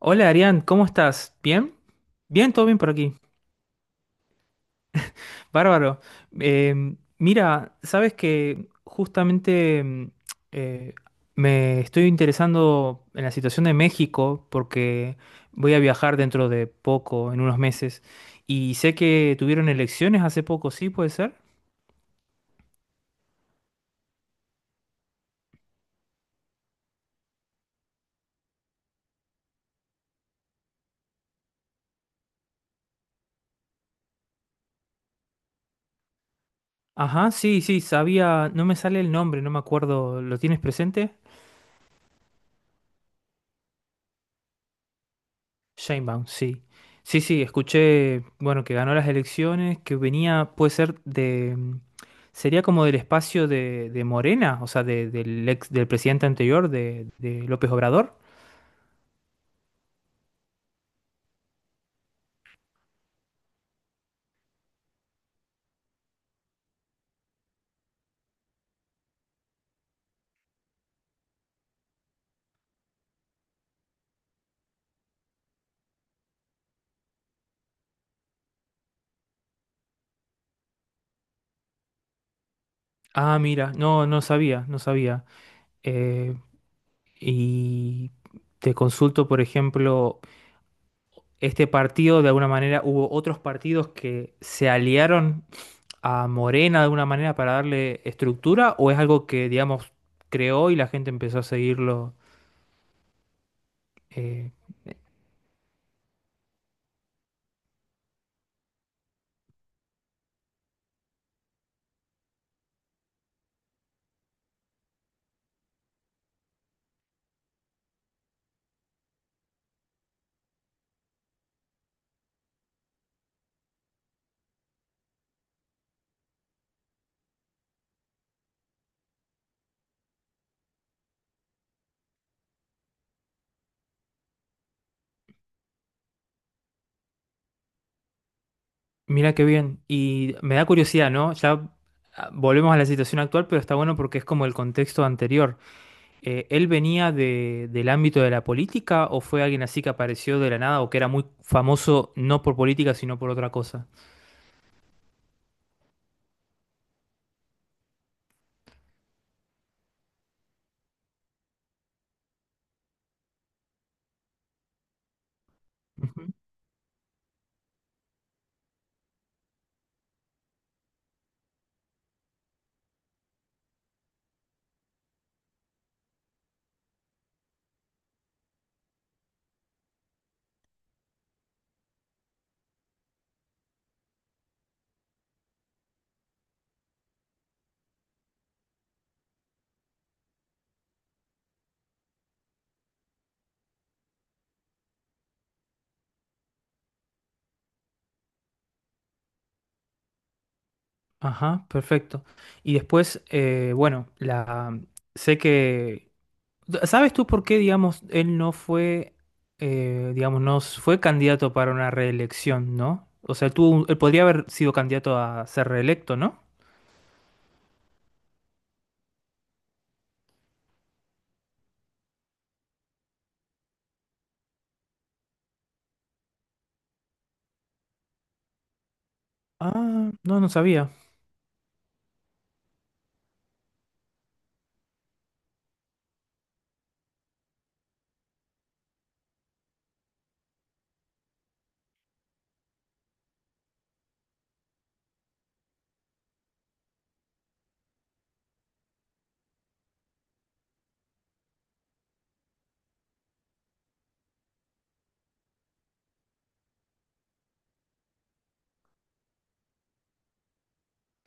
Hola Arián, ¿cómo estás? ¿Bien? Bien, todo bien por aquí. Bárbaro. Mira, sabes que justamente eh, me estoy interesando en la situación de México porque voy a viajar dentro de poco, en unos meses, y sé que tuvieron elecciones hace poco, ¿sí? ¿Puede ser? Ajá, sí, sí, sabía, no me sale el nombre, no me acuerdo, ¿lo tienes presente? Sheinbaum, sí. Sí, sí, escuché, bueno, que ganó las elecciones, que venía, puede ser de, sería como del espacio de Morena, o sea, del ex, del presidente anterior, de López Obrador. Ah, mira, no, no sabía, no sabía. Eh, y te consulto, por ejemplo, este partido, de alguna manera, hubo otros partidos que se aliaron a Morena de alguna manera para darle estructura, o es algo que, digamos, creó y la gente empezó a seguirlo. Eh, mira qué bien. Y me da curiosidad, ¿no? Ya ah, volvemos a la situación actual, pero está bueno porque es como el contexto anterior. ¿Él venía del ámbito de la política o fue alguien así que apareció de la nada o que era muy famoso no por política, sino por otra cosa? Ujú. Ajá, perfecto. Y después, bueno, sé que ¿sabes tú por qué, digamos, él no fue, digamos, no s- fue candidato para una reelección, ¿no? O sea, tú, él podría haber sido candidato a ser reelecto, ¿no? Ah, no, no sabía.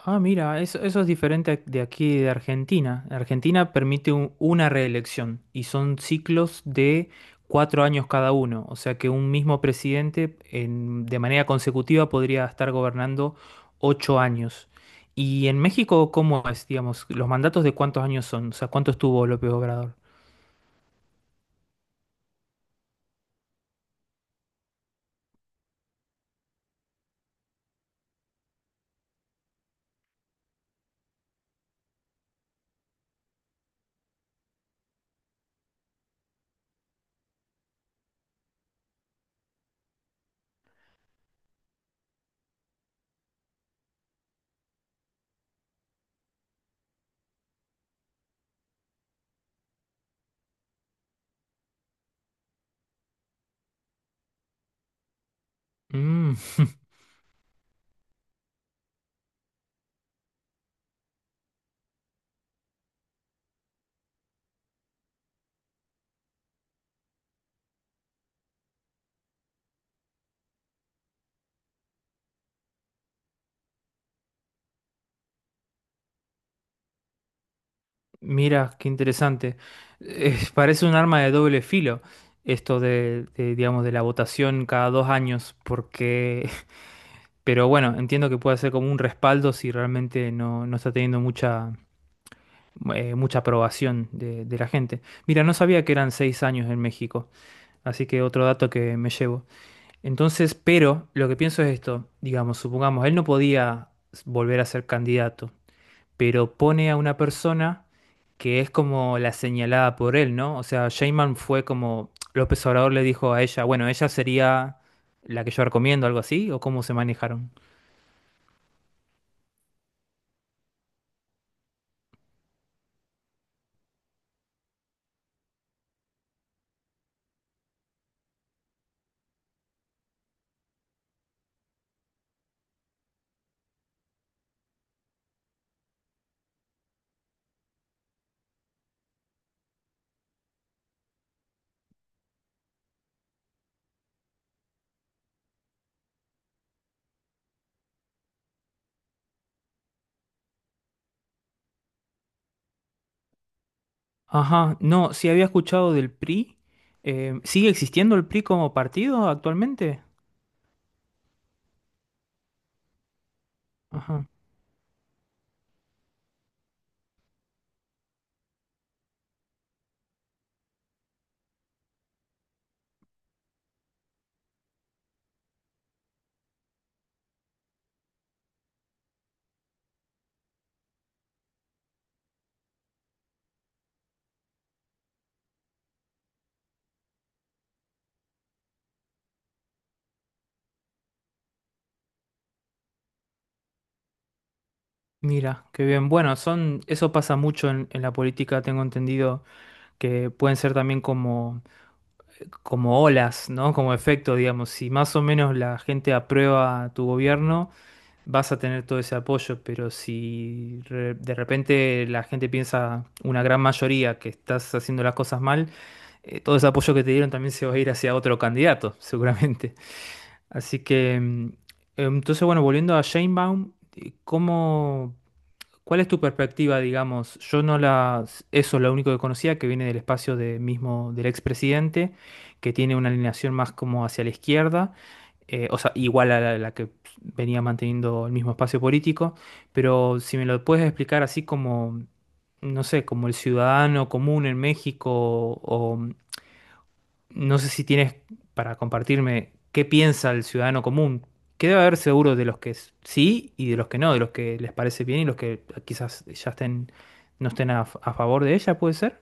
Ah, mira, eso es diferente de aquí de Argentina. Argentina permite una reelección y son ciclos de 4 años cada uno. O sea que un mismo presidente de manera consecutiva podría estar gobernando 8 años. ¿Y en México cómo es, digamos, los mandatos de cuántos años son? O sea, ¿cuánto estuvo López Obrador? Mm, mira, qué interesante. Parece un arma de doble filo esto digamos, de la votación cada 2 años, porque pero bueno, entiendo que puede ser como un respaldo si realmente no, no está teniendo mucha, mucha aprobación de la gente. Mira, no sabía que eran 6 años en México, así que otro dato que me llevo. Entonces, pero lo que pienso es esto, digamos, supongamos, él no podía volver a ser candidato, pero pone a una persona que es como la señalada por él, ¿no? O sea, Sheinbaum fue como López Obrador le dijo a ella, bueno, ella sería la que yo recomiendo, algo así, o cómo se manejaron. Ajá, no, sí había escuchado del PRI. ¿Sigue existiendo el PRI como partido actualmente? Ajá, mira, qué bien. Bueno, son, eso pasa mucho en la política, tengo entendido que pueden ser también como, como olas, ¿no? Como efecto, digamos. Si más o menos la gente aprueba tu gobierno, vas a tener todo ese apoyo, pero si de repente la gente piensa, una gran mayoría, que estás haciendo las cosas mal, todo ese apoyo que te dieron también se va a ir hacia otro candidato, seguramente. Así que, entonces, bueno, volviendo a Sheinbaum, ¿cómo... ¿cuál es tu perspectiva, digamos? Yo no la... Eso es lo único que conocía, que viene del espacio de mismo del expresidente, que tiene una alineación más como hacia la izquierda, o sea, igual a la que venía manteniendo el mismo espacio político, pero si me lo puedes explicar así como, no sé, como el ciudadano común en México o, no sé si tienes para compartirme qué piensa el ciudadano común, que debe haber seguro de los que sí y de los que no, de los que les parece bien y los que quizás ya estén, no estén a, a favor de ella, ¿puede ser?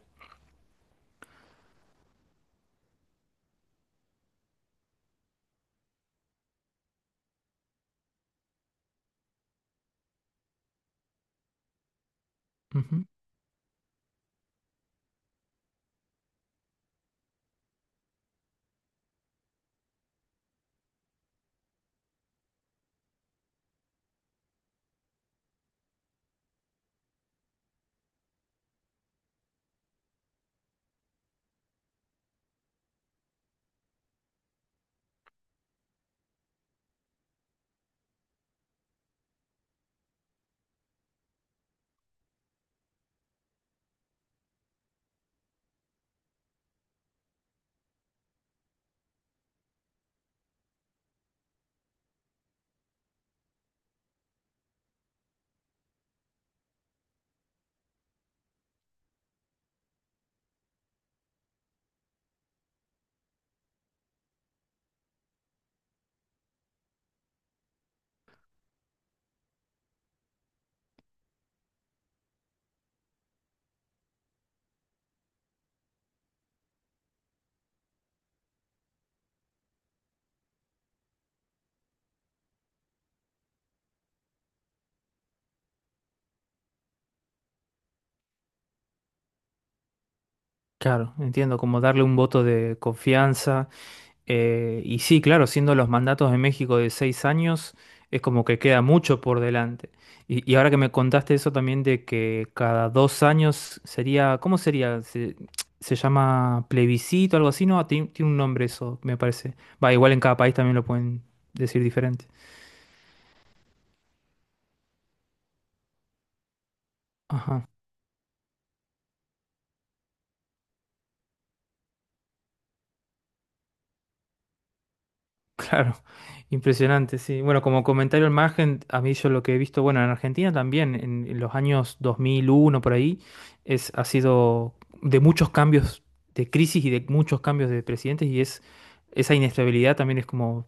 Ujú. Claro, entiendo, como darle un voto de confianza. Y sí, claro, siendo los mandatos de México de 6 años, es como que queda mucho por delante. Y ahora que me contaste eso también de que cada 2 años sería, ¿cómo sería? Se llama plebiscito, algo así, ¿no? Tiene un nombre eso, me parece. Va, igual en cada país también lo pueden decir diferente. Ajá. Claro, impresionante, sí. Bueno, como comentario al margen, a mí yo lo que he visto, bueno, en Argentina también, en los años 2001 por ahí, es, ha sido de muchos cambios de crisis y de muchos cambios de presidentes y es esa inestabilidad también es como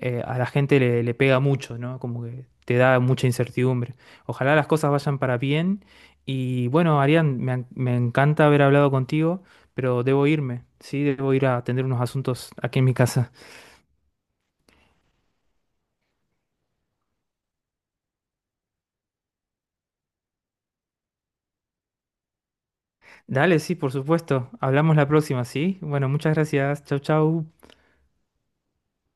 a la gente le pega mucho, ¿no? Como que te da mucha incertidumbre. Ojalá las cosas vayan para bien y bueno, Arián, me, me encanta haber hablado contigo, pero debo irme, sí, debo ir a atender unos asuntos aquí en mi casa. Dale, sí, por supuesto. Hablamos la próxima, ¿sí? Bueno, muchas gracias. Chau, chau.